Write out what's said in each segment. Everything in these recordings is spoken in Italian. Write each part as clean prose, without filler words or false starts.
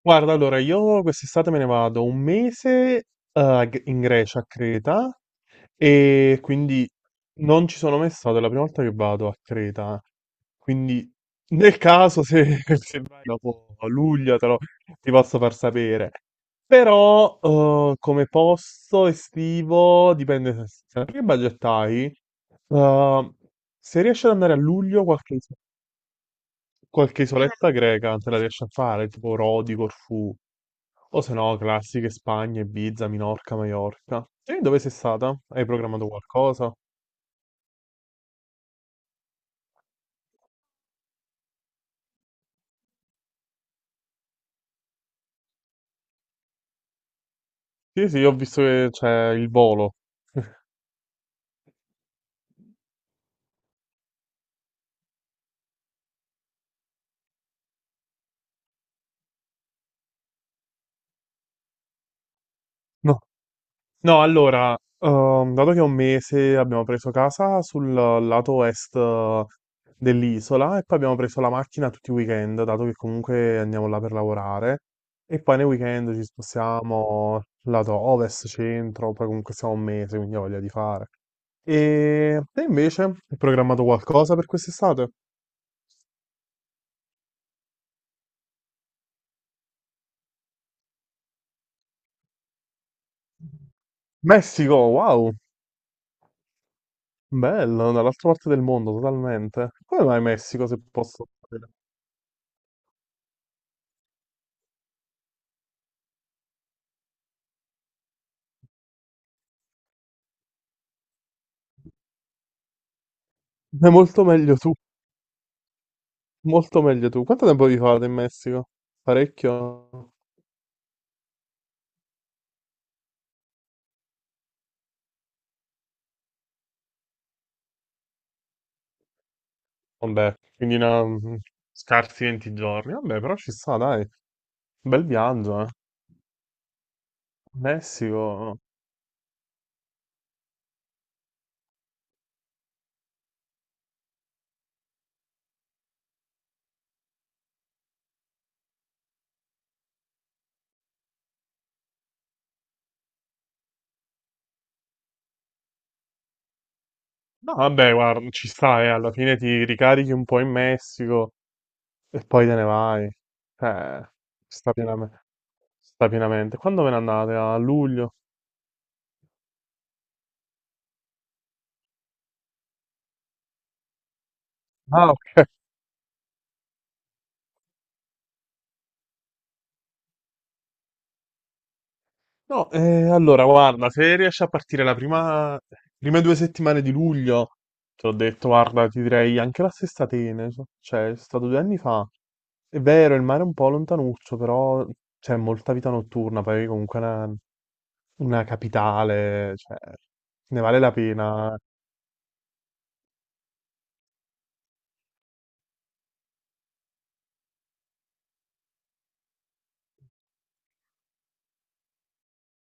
Guarda, allora, io quest'estate me ne vado un mese, in Grecia, a Creta, e quindi non ci sono mai stato, è la prima volta che vado a Creta. Quindi, nel caso, se, se vai dopo luglio, ti posso far sapere. Però, come posto estivo, dipende che budget hai. Eh, se riesci ad andare a luglio, qualche isoletta greca te la riesci a fare, tipo Rodi, Corfù, o se no classiche Spagna, Ibiza, Minorca, Maiorca. E dove sei stata? Hai programmato qualcosa? Sì, sì, ho visto che c'è il volo. No, no, allora, dato che è un mese abbiamo preso casa sul lato est dell'isola e poi abbiamo preso la macchina tutti i weekend, dato che comunque andiamo là per lavorare. E poi nei weekend ci spostiamo lato ovest, centro, poi comunque siamo un mese, quindi ho voglia di fare. E te invece, hai programmato qualcosa per quest'estate? Messico, wow, bello, dall'altra parte del mondo totalmente. Come mai Messico, se posso sapere? È molto meglio tu. Molto meglio tu. Quanto tempo vi fate in Messico? Parecchio? Vabbè, quindi scarsi 20 giorni. Vabbè, però ci sta, dai. Bel viaggio, eh. Messico. No, vabbè, guarda, ci sta, eh. Alla fine ti ricarichi un po' in Messico e poi te ne vai. Ci sta pienamente. Sta pienamente. Quando ve ne andate? A luglio? Ah, ok. No, allora guarda, se riesci a partire prime 2 settimane di luglio, ti ho detto, guarda, ti direi anche la stessa Atene, cioè è stato 2 anni fa. È vero, il mare è un po' lontanuccio, però c'è molta vita notturna, poi comunque è una capitale, cioè ne vale la pena.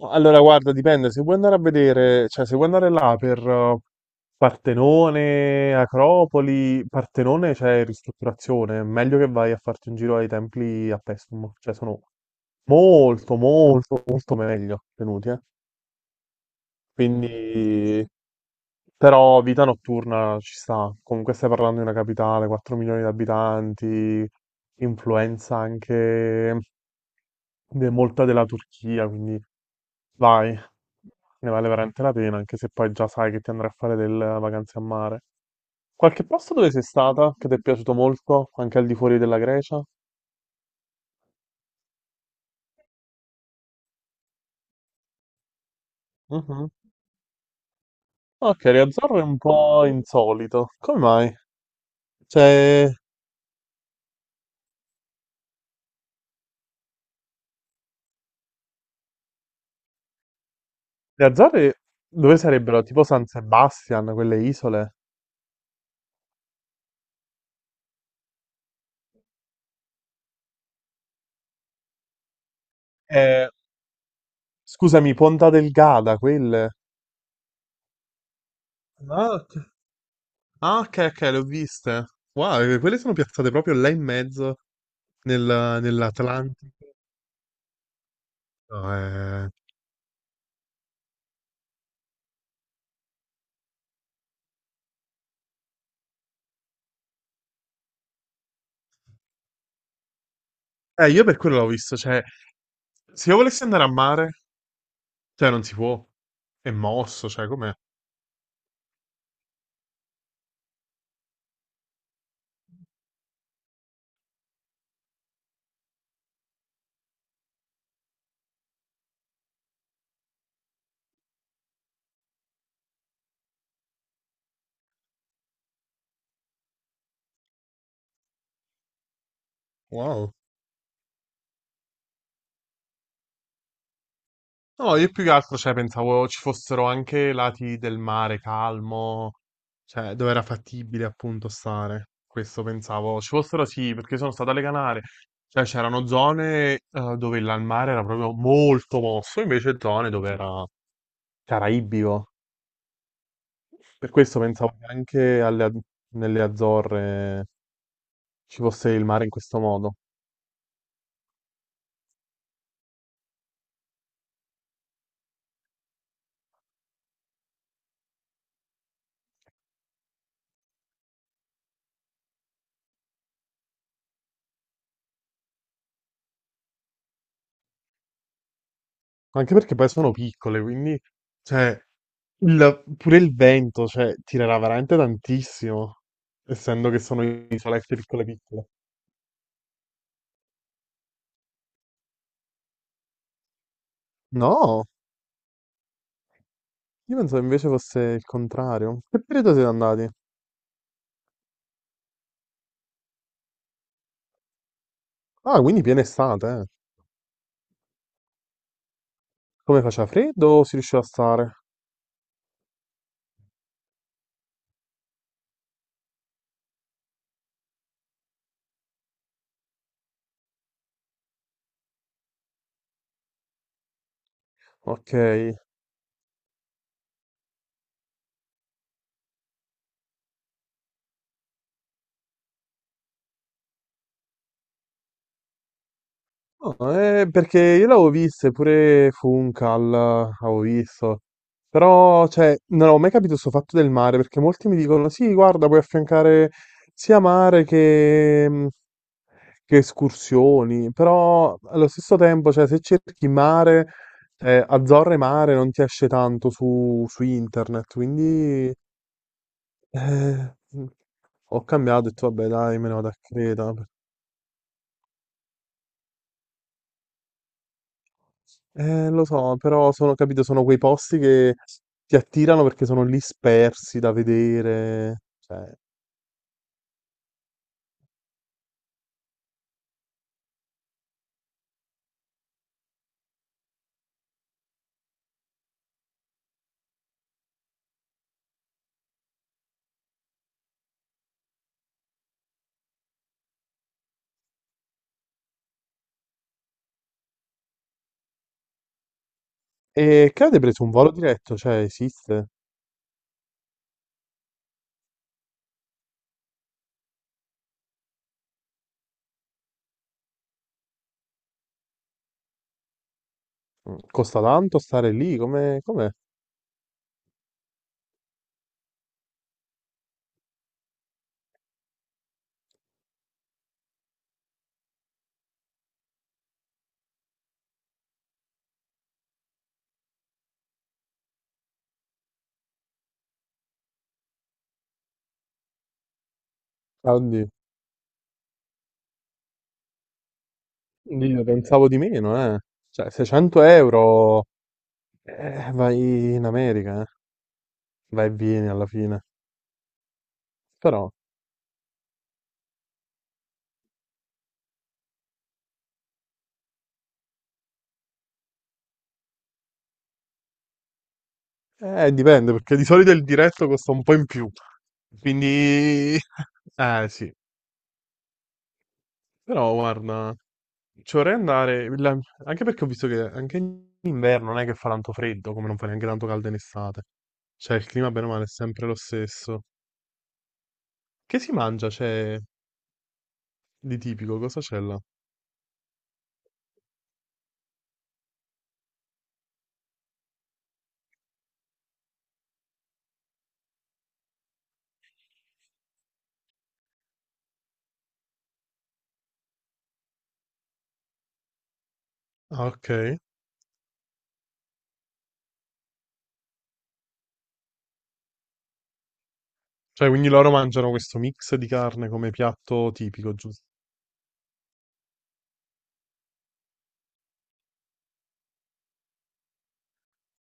No, allora, guarda, dipende. Se vuoi andare a vedere, cioè, se vuoi andare là per Partenone, Acropoli, Partenone c'è ristrutturazione. È meglio che vai a farti un giro ai templi a Pestum. Cioè, sono molto, molto, molto meglio tenuti, eh. Quindi, però vita notturna ci sta. Comunque stai parlando di una capitale, 4 milioni di abitanti, influenza anche molta della Turchia, quindi vai, ne vale veramente la pena, anche se poi già sai che ti andrai a fare delle vacanze a mare. Qualche posto dove sei stata che ti è piaciuto molto, anche al di fuori della Grecia? Mhm. Ok, Riazzorro è un po' insolito. Come mai? Cioè, le Azzorre dove sarebbero? Tipo San Sebastian, quelle isole? Eh, Scusami, Ponta Delgada, quelle. Ah, ok. Ah, ok, ok, le ho viste. Wow, quelle sono piazzate proprio là in mezzo, nell'Atlantico. No, eh. Io per quello l'ho visto, cioè, se io volessi andare a mare, cioè, non si può. È mosso, cioè, com'è? Wow. No, io più che altro, cioè, pensavo ci fossero anche lati del mare calmo, cioè, dove era fattibile appunto stare. Questo pensavo. Ci fossero sì, perché sono stato alle Canarie. Cioè, c'erano zone dove il mare era proprio molto mosso, invece zone dove era caraibico. Per questo pensavo che anche nelle Azzorre ci fosse il mare in questo modo. Anche perché poi sono piccole, quindi, cioè, pure il vento, cioè, tirerà veramente tantissimo, essendo che sono isolette piccole piccole. No, io pensavo invece fosse il contrario. Che periodo siete andati? Ah, quindi piena estate, eh. Come faceva freddo o si riusciva a stare? Ok. No, perché io l'avevo viste, pure Funcal, avevo visto. Però, cioè, non avevo mai capito questo fatto del mare, perché molti mi dicono, sì, guarda, puoi affiancare sia mare che, escursioni, però allo stesso tempo, cioè, se cerchi mare, Azzorre mare non ti esce tanto su internet, quindi eh, ho cambiato e detto, vabbè, dai, me ne vado a Creta. Lo so, però sono, capito, sono quei posti che ti attirano perché sono lì spersi da vedere, cioè. E che avete preso un volo diretto? Cioè, esiste? Costa tanto stare lì? Come, com'è? Ah, oddio. Io pensavo di meno, eh. Cioè, 600 euro, vai in America, eh. Vai e vieni alla fine. Però, dipende, perché di solito il diretto costa un po' in più. Quindi, sì. Però, guarda, ci vorrei andare, anche perché ho visto che anche in inverno non è che fa tanto freddo, come non fa neanche tanto caldo in estate. Cioè, il clima, bene o male, è sempre lo stesso. Che si mangia, c'è di tipico? Cosa c'è là? Ah, ok. Cioè, quindi loro mangiano questo mix di carne come piatto tipico, giusto?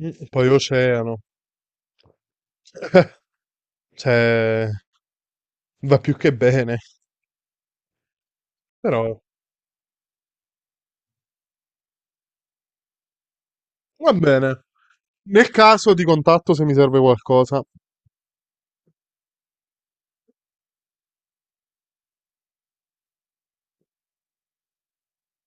Poi oceano. Cioè, va più che bene. Però va bene. Nel caso di contatto, se mi serve qualcosa.